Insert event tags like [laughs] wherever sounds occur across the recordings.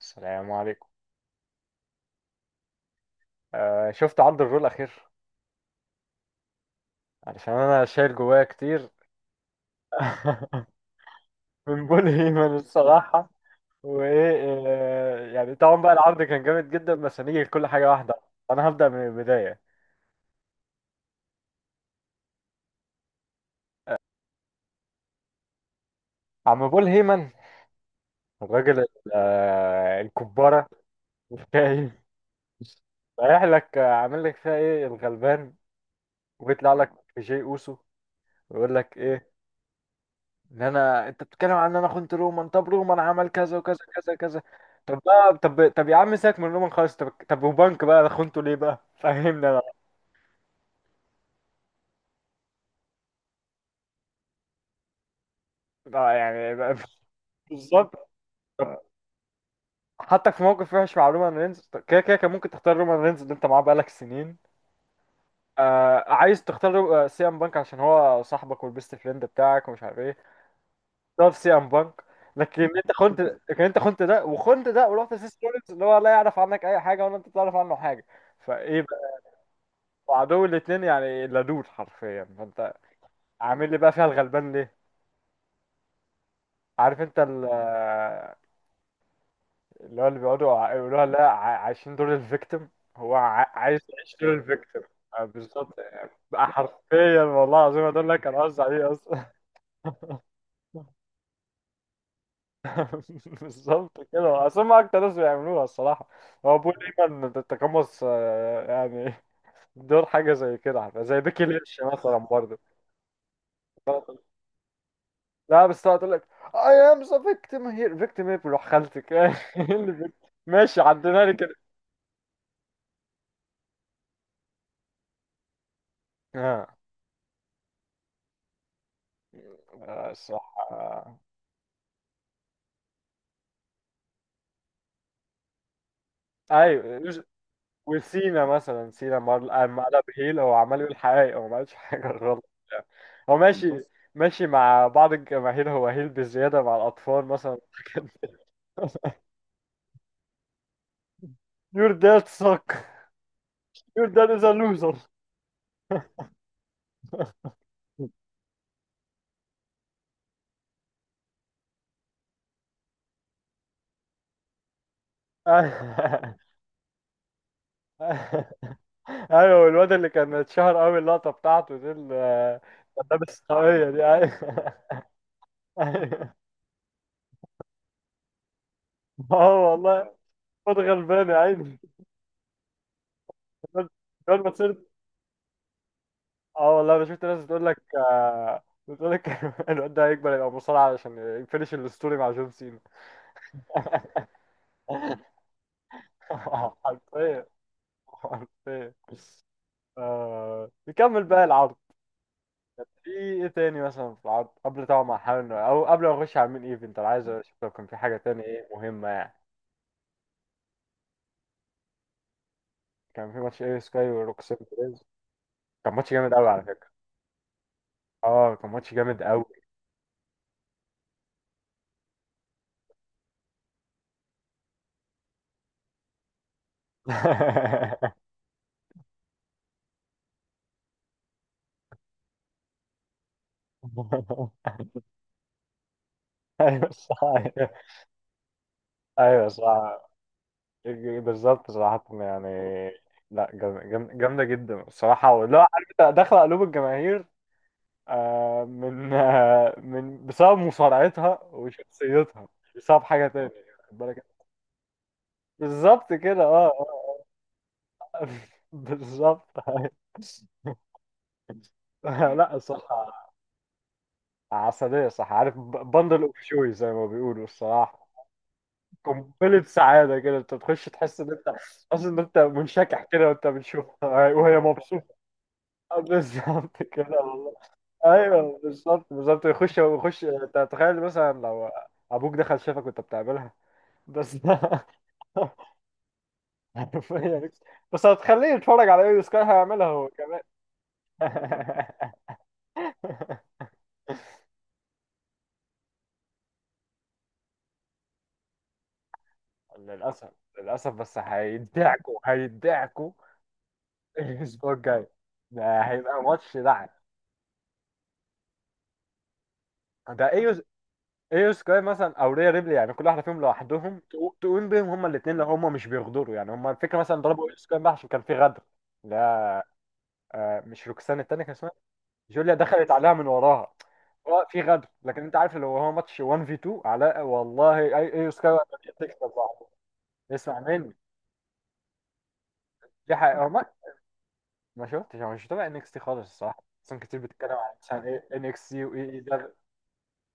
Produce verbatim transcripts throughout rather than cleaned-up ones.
السلام عليكم. آه شفت عرض الرول الأخير؟ علشان أنا شايل جوايا كتير. [laughs] من بول هيمن الصراحة. وإيه، آه يعني طبعا بقى العرض كان جامد جدا، بس هنيجي لكل حاجة واحدة. أنا هبدأ من البداية. عم بول هيمن، الراجل ال- آه الكبارة، الكاهن، رايح لك، آه، عامل لك فيها إيه الغلبان، ويطلع لك في جي أوسو ويقول لك إيه؟ ان انا انت بتتكلم عن ان انا خنت رومان. طب رومان عمل كذا وكذا كذا كذا. طب بقى، طب طب يا عم سيبك من رومان خالص. طب طب وبنك بقى انا خنته ليه بقى؟ [laughs] فهمني انا. آه يعني بقى- [laughs] بالظبط. حطك في موقف وحش مع رومان رينز، طب كده كده كان ممكن تختار رومان رينز اللي انت معاه بقالك سنين. آه عايز تختار رو- آه، سي ام بانك عشان هو صاحبك والبيست فريند بتاعك ومش عارف ايه. طب سي ام بانك، لكن انت خنت. لكن انت خنت ده وخنت ده، ورحت لسيس رولينز اللي هو لا يعرف عنك اي حاجه ولا انت تعرف عنه حاجه. فايه؟ وعدو الاتنين يعني، لدود حرفيا. فانت عامل لي بقى فيها الغلبان ليه؟ عارف انت ال- اللي هو اللي بيقعدوا ع- يقولوها، لا ع- عايشين دور الفيكتيم. هو ع- عايز يعيش دور الفيكتيم. آه، بالظبط. بقى حرفيا والله العظيم هدول لك كان قصدي عليه اصلا. [laughs] بالظبط كده، اصل هم اكتر ناس بيعملوها الصراحه. هو بول دايما تتقمص، آه، يعني، دور حاجه زي كده، زي بيكي لينش مثلا برضه. لا بس هتقول لك، I am the victim here. Victim ايه بروح خالتك؟ [laughs] إيه اللي بت- ماشي عدينا لي كده. اه صح آه. ايوه مش- وسينا مثلا، سينا مر- لما قلب هيل هو عمال يقول حقائق، هو ما قالش حاجه غلط. هو ماشي، بص، ماشي مع بعض الجماهير، هو هيل بزياده مع الاطفال مثلا. [laughs] Your dad suck. Your dad is a loser. [laughs] ايوه الواد اللي كان اتشهر قوي اللقطه بتاعته دي، اللي كان لابس خاويه دي، ايوه. [laughs] اه والله. خد غلبان يا عيني. الواد ما صرت. اه والله انا شفت ناس بتقول لك، آه، بتقول لك، [laughs] الواد ده هيكبر يبقى مصارع علشان يفinish الستوري مع جون سينا. [laughs] حرفيا. حرفيا. آه، نكمل بقى العرض. في ايه تاني مثلا في العرض، قبل طبعا ما احاول، او قبل ما نخش على المين ايفنت، انا عايز اشوف لو كان في حاجه تاني ايه مهمه يعني. كان في ماتش ايه سكاي وروكسين بريز. كان ماتش جامد قوي على فكره. اه كان ماتش جامد قوي. [laughs] ايوه صح. ايوه صح. بالظبط صراحة يعني. لا جام- جام- جامدة جدا الصراحة، لا عارف انت داخلة قلوب الجماهير، آه، من [laughs] آه، من بسبب مصارعتها وشخصيتها، مش بسبب حاجة تانية يعني، خد بالك انت. بالظبط كده اه آه. [laughs] بالظبط. [laughs] لا الصراحة، عسلية صح، عارف بندل اوف شوي زي ما بيقولوا الصراحة. قنبلة سعادة كده، انت تخش تحس ان انت اصلا، ان انت منشكح كده وانت بتشوفها وهي مبسوطة. [laughs] بالظبط كده والله. ايوه بالظبط بالظبط، يخش يخش، انت تخيل مثلا لو ابوك دخل شافك وانت بتعملها. بس [laughs] حرفيا. بس هتخليه يتفرج على ايه سكاي هيعملها هو كمان. [laughs] للاسف. للاسف، بس هيدعكوا هيدعكوا. الاسبوع الجاي ده هيبقى ماتش لعب. ده ايه؟ ايه سكاي مثلا او ريا ريبلي يعني كل واحده فيهم لوحدهم تقو- تقوم بيهم هما الاثنين لو هما مش بيغدروا يعني. هما الفكره مثلا ضربوا ايه سكاي بقى عشان كان في غدر. لا، آه مش روكسان، التانيه كان اسمها جوليا، دخلت عليها من وراها. هو في غدر، لكن انت عارف لو هو ماتش واحد في اتنين علاء والله اي، اي سكاي تكسب لوحده. اسمع مني. دي حقيقه، هو ما ما شفتش، انا مش متابع ان اكس تي خالص الصراحه، اصلا كتير بتتكلم عن مثلا ايه ان اكس تي واي اي،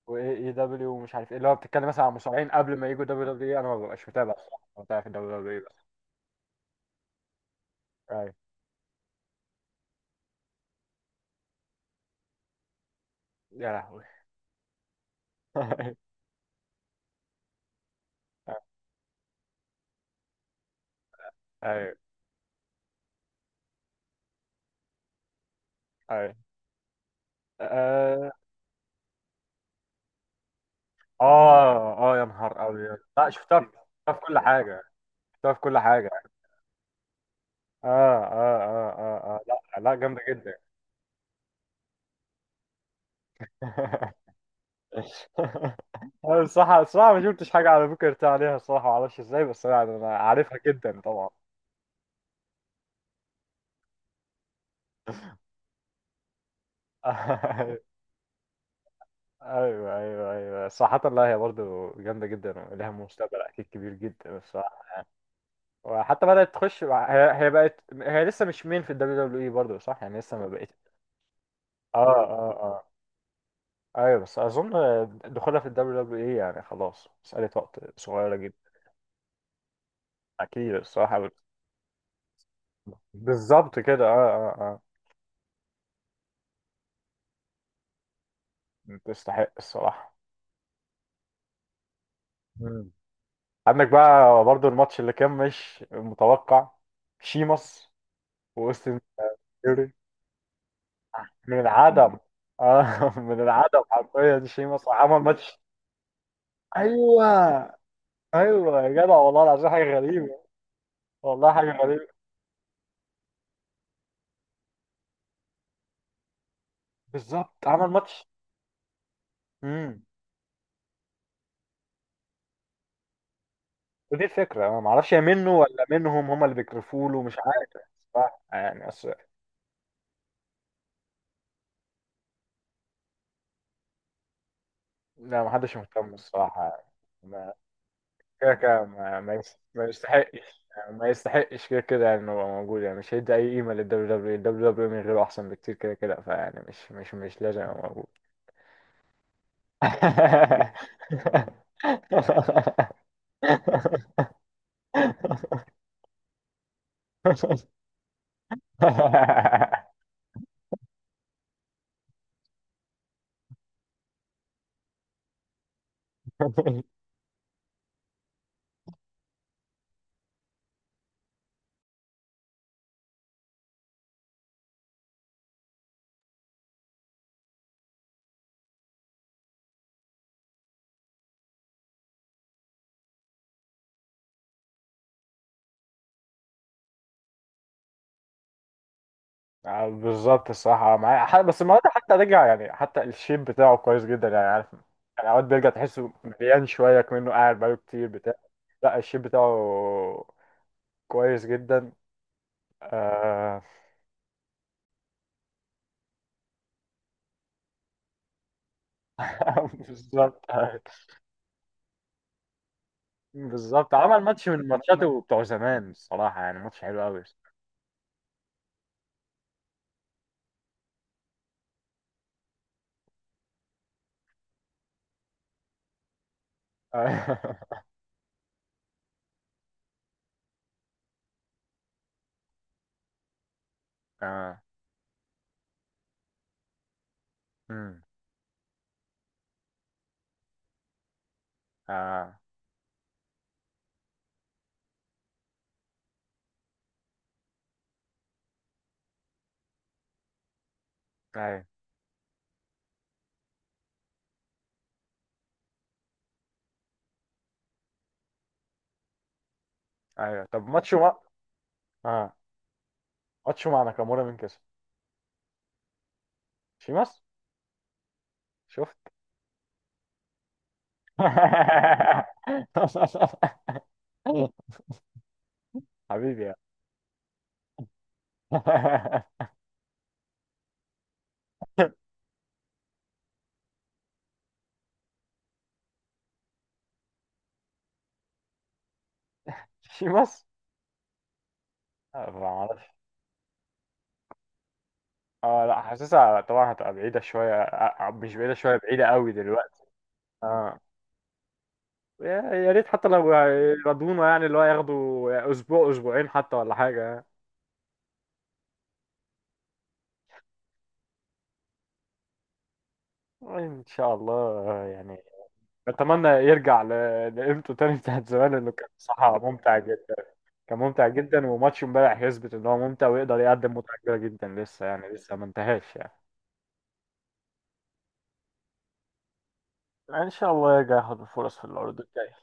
واي اي دبليو ومش عارف ايه، اللي هو بتتكلم مثلا عن مصارعين قبل ما يجوا دبليو دبليو اي. انا ما ببقاش متابع الصراحه، ما بتابع في دبليو دبليو اي بس. ايوه. يا لهوي. [laughs] ايوه ايوه اه اه، آه، يا نهار ابيض. لا شفتها في- شفتها في كل حاجه. شفتها في كل حاجه. اه اه اه اه، آه. لا لا جامده جدا. [laughs] انا الصراحه الصراحه ما شفتش حاجه على بوكر تي عليها الصراحه، ما اعرفش ازاي، بس انا أنا عارفها جدا طبعا. [laughs] ايوه ايوه ايوه، صراحة لا هي برضه جامدة جدا، ولها مستقبل اكيد كبير جدا الصراحة. وحتى بدأت تخش مع- هي, هي بقت، هي لسه مش مين في الدبليو دبليو اي برضه صح يعني، لسه ما بقتش. اه اه اه. ايوه بس اظن دخولها في الدبليو دبليو اي يعني خلاص مسألة وقت صغيرة جدا. اكيد الصراحة. بالظبط كده اه اه. اه تستحق الصراحة. مم. عندك بقى برضه الماتش اللي كان مش متوقع، شيمس واوستن، من العدم. اه [laughs] من العدم حرفيا، شيما صح عمل ماتش. ايوه ايوه يا جدع والله العظيم حاجه غريبه. والله حاجه غريبه. بالظبط عمل ماتش. امم. ودي الفكره، انا ما اعرفش هي منه ولا منهم هم اللي بيكرفوا له، مش عارف. صح يعني اصل. لا ما حدش مهتم الصراحه يعني. ما كده كده ما ما يس- ما يستحقش يعني، ما يستحقش كده كده يعني انه يبقى موجود، يعني مش هيدي اي قيمه للدبليو دبليو دبليو دبليو، من غيره احسن بكتير كده كده، فيعني مش مش مش لازم يبقى موجود. آه، بالظبط الصراحة. آه، معايا ح- بس النهارده حتى رجع، يعني حتى الشيب بتاعه كويس جدا يعني، عارف، يعني اوقات بيرجع تحسه مليان شوية، كمنه قاعد بقاله كتير بتاع. لا الشيب بتاعه كويس جدا. آه. [laughs] بالظبط. بالظبط عمل ماتش من ماتشاته بتوع زمان الصراحة، يعني ماتش حلو قوي. [laughs] اه اه. أمم. آه. ايوه طب ماتشو ما. اه ماتشو مع ناكامورا مين كسب؟ شيماس. شفت؟ [laughs] حبيبي يا. [laughs] شيماس. آه، ما اعرفش. اه لا حاسسها طبعا هتبقى بعيده شويه، آه، آه، مش بعيده شويه، بعيده قوي دلوقتي. اه يا يا ريت حتى لو يرضونا يعني اللي هو ياخدوا اسبوع اسبوعين حتى ولا حاجه. ان شاء الله. آه، يعني اتمنى يرجع ل- لقيمته تاني بتاعت زمان، انه كان صح ممتع جدا. كان ممتع جدا، وماتش امبارح يثبت ان هو ممتع، ويقدر يقدم متعة كبيرة جدا لسه، يعني لسه ما انتهاش يعني. ان شاء الله يرجع ياخد الفرص في العروض الجاية.